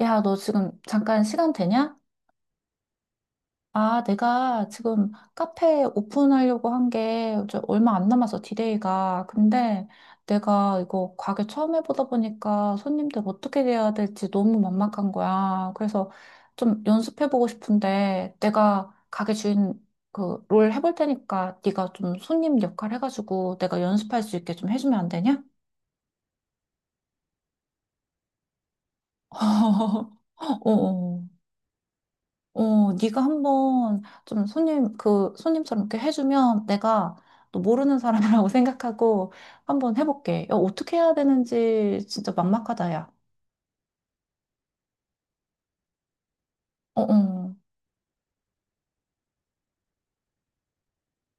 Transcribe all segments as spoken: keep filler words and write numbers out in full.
야, 너 지금 잠깐 시간 되냐? 아, 내가 지금 카페 오픈하려고 한 게 얼마 안 남아서 디데이가. 근데 내가 이거 가게 처음 해보다 보니까 손님들 어떻게 대해야 될지 너무 막막한 거야. 그래서 좀 연습해보고 싶은데 내가 가게 주인 그 롤 해볼 테니까 네가 좀 손님 역할 해가지고 내가 연습할 수 있게 좀 해주면 안 되냐? 어, 어. 어, 네가 한번 좀 손님 그 손님처럼 이렇게 해주면 내가 또 모르는 사람이라고 생각하고 한번 해볼게. 야, 어떻게 해야 되는지 진짜 막막하다, 야. 어, 어.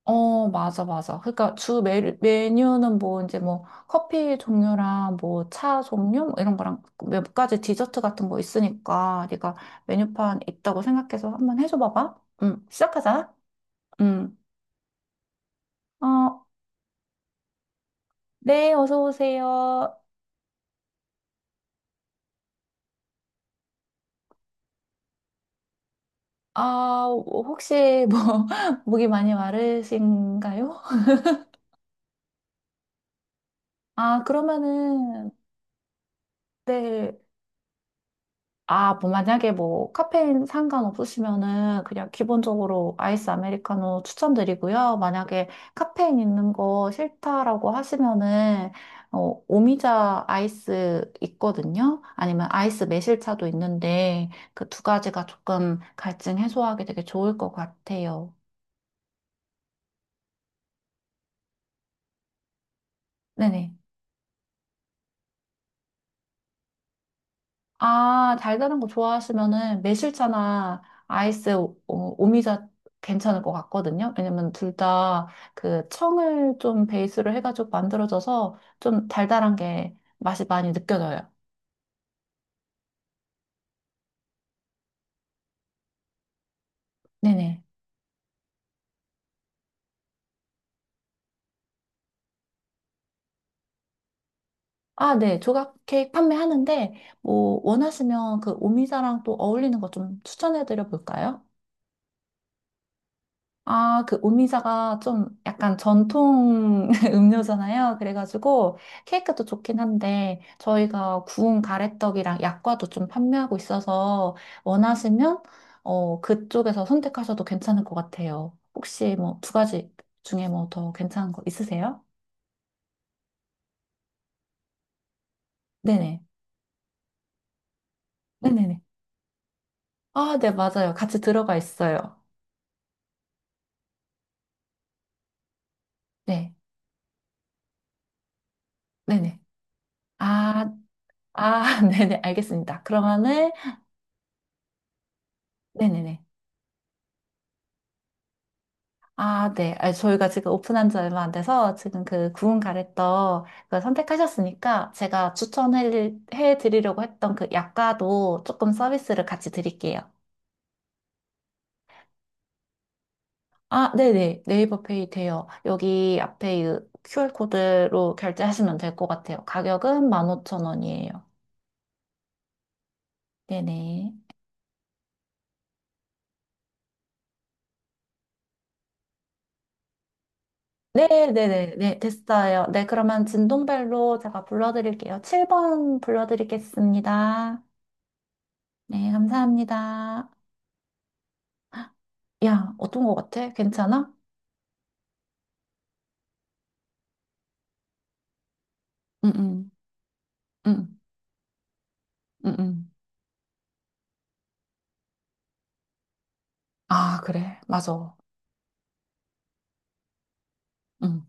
어, 맞아, 맞아. 그러니까 주 메, 메뉴는 뭐 이제 뭐 커피 종류랑 뭐 차 종류 뭐 이런 거랑 몇 가지 디저트 같은 거 있으니까 네가 메뉴판 있다고 생각해서 한번 해줘 봐봐. 응, 시작하자. 응. 어, 네, 어서 오세요. 아, 어, 혹시 뭐, 목이 많이 마르신가요? 아, 그러면은, 네. 아, 뭐, 만약에 뭐, 카페인 상관없으시면은 그냥 기본적으로 아이스 아메리카노 추천드리고요. 만약에 카페인 있는 거 싫다라고 하시면은, 어, 오미자 아이스 있거든요. 아니면 아이스 매실차도 있는데, 그 두 가지가 조금 갈증 해소하기 되게 좋을 것 같아요. 네네. 아, 달달한 거 좋아하시면은 매실차나 아이스 오, 미자 괜찮을 것 같거든요. 왜냐면 둘 다 그 청을 좀 베이스로 해가지고 만들어져서 좀 달달한 게 맛이 많이 느껴져요. 네네. 아, 네. 조각 케이크 판매하는데 뭐 원하시면 그 오미자랑 또 어울리는 거 좀 추천해 드려 볼까요? 아, 그 오미자가 좀 약간 전통 음료잖아요. 그래가지고 케이크도 좋긴 한데 저희가 구운 가래떡이랑 약과도 좀 판매하고 있어서 원하시면, 어, 그쪽에서 선택하셔도 괜찮을 것 같아요. 혹시 뭐 두 가지 중에 뭐 더 괜찮은 거 있으세요? 네네. 네네네. 아, 네, 맞아요. 같이 들어가 있어요. 네. 네네. 아, 아, 네네. 알겠습니다. 그러면은 네네네. 아, 네. 아, 저희가 지금 오픈한 지 얼마 안 돼서 지금 그 구운 가래떡 그걸 선택하셨으니까 제가 추천해 드리려고 했던 그 약과도 조금 서비스를 같이 드릴게요. 아, 네네. 네이버 페이 돼요. 여기 앞에 이 큐알코드로 결제하시면 될 것 같아요. 가격은 만 오천 원이에요. 네네. 네네네. 네, 됐어요. 네, 그러면 진동벨로 제가 불러드릴게요. 칠 번 불러드리겠습니다. 네, 감사합니다. 야, 어떤 거 같아? 괜찮아? 응, 응, 응, 응, 응. 아, 그래. 맞아. 응.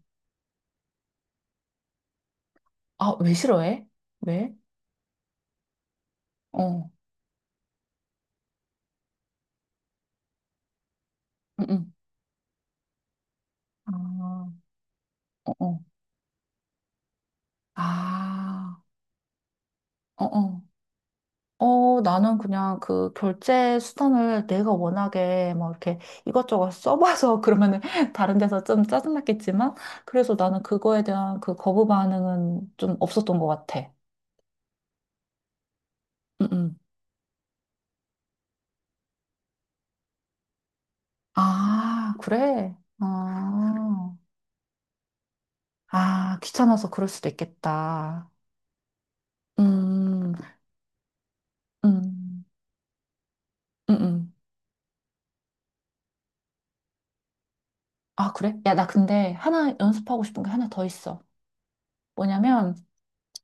아, 왜 싫어해? 왜? 어, 응, 응. 아, 어, 어. 아, 어, 어. 어, 나는 그냥 그 결제 수단을 내가 워낙에 막 이렇게 이것저것 써봐서 그러면은 다른 데서 좀 짜증났겠지만, 그래서 나는 그거에 대한 그 거부 반응은 좀 없었던 것 같아. 응, 응. 아, 그래? 아. 아, 귀찮아서 그럴 수도 있겠다. 음, 음, 음, 음. 아, 그래? 야, 나 근데 하나 연습하고 싶은 게 하나 더 있어. 뭐냐면,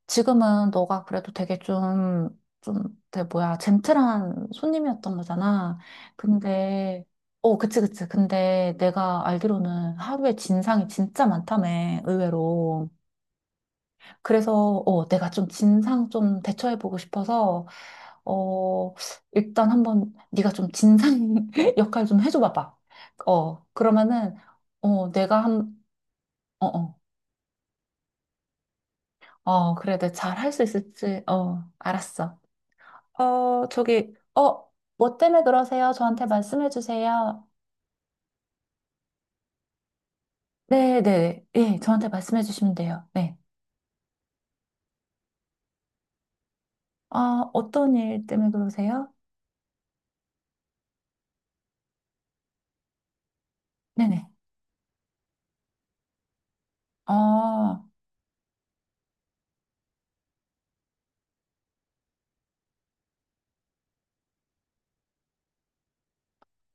지금은 너가 그래도 되게 좀, 좀, 되게 뭐야, 젠틀한 손님이었던 거잖아. 근데, 어, 그치, 그치. 근데 내가 알기로는 하루에 진상이 진짜 많다며, 의외로. 그래서, 어, 내가 좀 진상 좀 대처해보고 싶어서, 어, 일단 한번 네가 좀 진상 역할 좀 해줘 봐봐. 어, 그러면은, 어, 내가 한, 어, 어. 어, 그래. 내가 잘 할 수 있을지. 어, 알았어. 어, 저기, 어, 뭐 때문에 그러세요? 저한테 말씀해 주세요. 네, 네. 예, 저한테 말씀해 주시면 돼요. 네. 아, 어떤 일 때문에 그러세요? 네네. 어,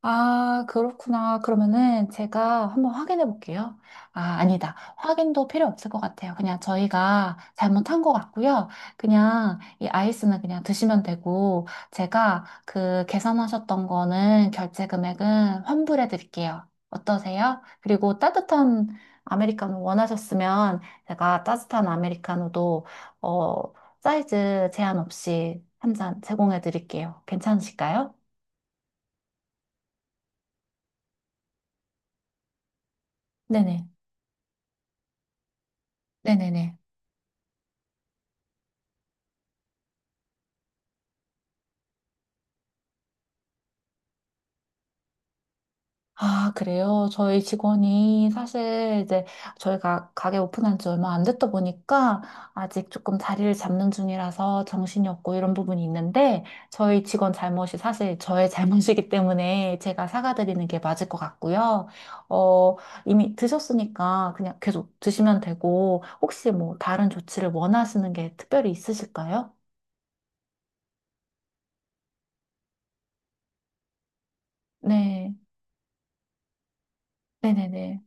아, 그렇구나. 그러면은 제가 한번 확인해 볼게요. 아, 아니다. 확인도 필요 없을 것 같아요. 그냥 저희가 잘못한 것 같고요. 그냥 이 아이스는 그냥 드시면 되고, 제가 그 계산하셨던 거는 결제 금액은 환불해 드릴게요. 어떠세요? 그리고 따뜻한 아메리카노 원하셨으면 제가 따뜻한 아메리카노도, 어, 사이즈 제한 없이 한 잔 제공해 드릴게요. 괜찮으실까요? 네네. 네네네. 아, 그래요? 저희 직원이 사실 이제 저희가 가게 오픈한 지 얼마 안 됐다 보니까 아직 조금 자리를 잡는 중이라서 정신이 없고 이런 부분이 있는데 저희 직원 잘못이 사실 저의 잘못이기 때문에 제가 사과드리는 게 맞을 것 같고요. 어, 이미 드셨으니까 그냥 계속 드시면 되고 혹시 뭐 다른 조치를 원하시는 게 특별히 있으실까요? 네. 네네네.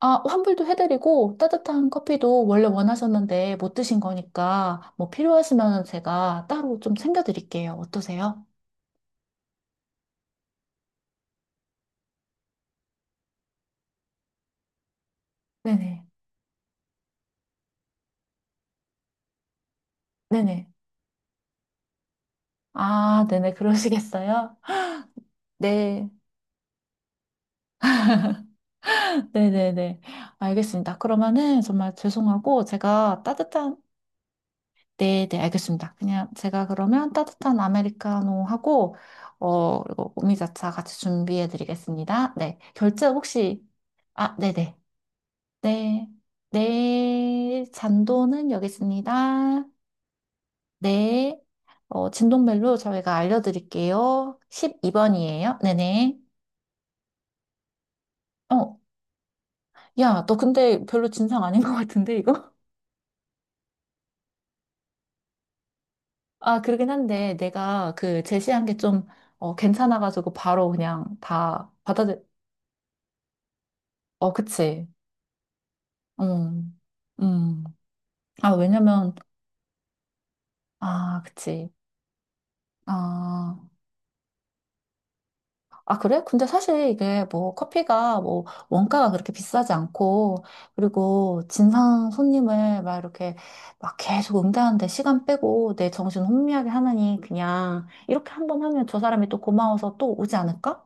아, 환불도 해드리고 따뜻한 커피도 원래 원하셨는데 못 드신 거니까 뭐 필요하시면 제가 따로 좀 챙겨드릴게요. 어떠세요? 네네. 네네. 아, 네네. 그러시겠어요? 네. 네네네. 알겠습니다. 그러면은 정말 죄송하고 제가 따뜻한, 네네. 알겠습니다. 그냥 제가 그러면 따뜻한 아메리카노하고, 어, 그리고 오미자차 같이 준비해드리겠습니다. 네. 결제 혹시, 아, 네네. 네. 네, 잔도는 여기 있습니다. 네. 어, 진동벨로 저희가 알려드릴게요. 십이 번이에요. 네네. 어, 야, 너 근데 별로 진상 아닌 것 같은데, 이거? 아, 그러긴 한데, 내가 그 제시한 게 좀, 어, 괜찮아가지고 바로 그냥 다 받아들, 어, 그치. 음, 음. 아, 왜냐면, 아, 그치. 아. 아, 그래? 근데 사실 이게 뭐 커피가 뭐 원가가 그렇게 비싸지 않고, 그리고 진상 손님을 막 이렇게 막 계속 응대하는데 시간 빼고 내 정신 혼미하게 하느니 그냥 이렇게 한 번 하면 저 사람이 또 고마워서 또 오지 않을까?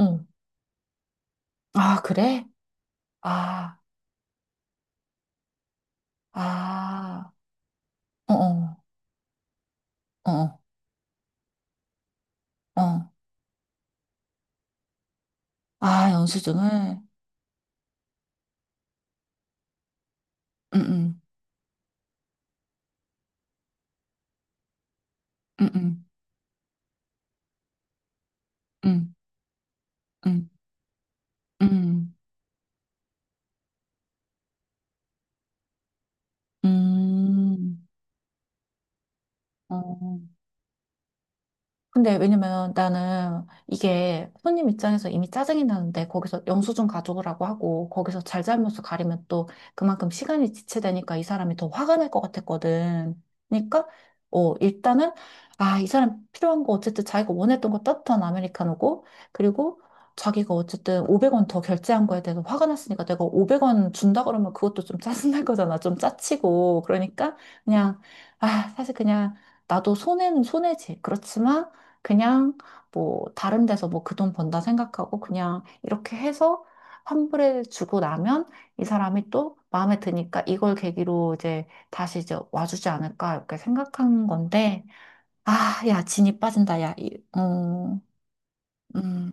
응. 아, 그래? 아, 아, 어, 어, 어, 어. 어. 아, 영수증을? 응, 응, 응, 응, 응, 응, 응, 음. 어. 근데 왜냐면 나는 이게 손님 입장에서 이미 짜증이 나는데 거기서 영수증 가져오라고 하고 거기서 잘잘못을 가리면 또 그만큼 시간이 지체되니까 이 사람이 더 화가 날 것 같았거든. 그러니까, 어, 일단은, 아, 이 사람 필요한 거 어쨌든 자기가 원했던 거 따뜻한 아메리카노고, 그리고 자기가 어쨌든 오백 원 더 결제한 거에 대해서 화가 났으니까 내가 오백 원 준다 그러면 그것도 좀 짜증날 거잖아. 좀 짜치고 그러니까 그냥, 아, 사실 그냥 나도 손해는 손해지. 그렇지만 그냥 뭐 다른 데서 뭐 그 돈 번다 생각하고 그냥 이렇게 해서 환불해 주고 나면 이 사람이 또 마음에 드니까 이걸 계기로 이제 다시 이제 와주지 않을까 이렇게 생각한 건데. 아, 야, 진이 빠진다, 야, 이, 어, 음,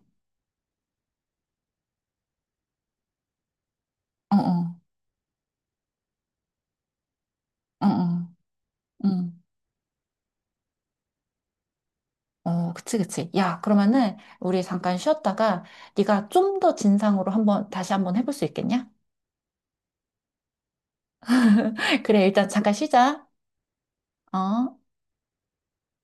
어, 어, 어, 어, 음. 어, 그치, 그치. 야, 그러면은 우리 잠깐 쉬었다가 네가 좀 더 진상으로 한번 다시 한번 해볼 수 있겠냐? 그래, 일단 잠깐 쉬자. 어?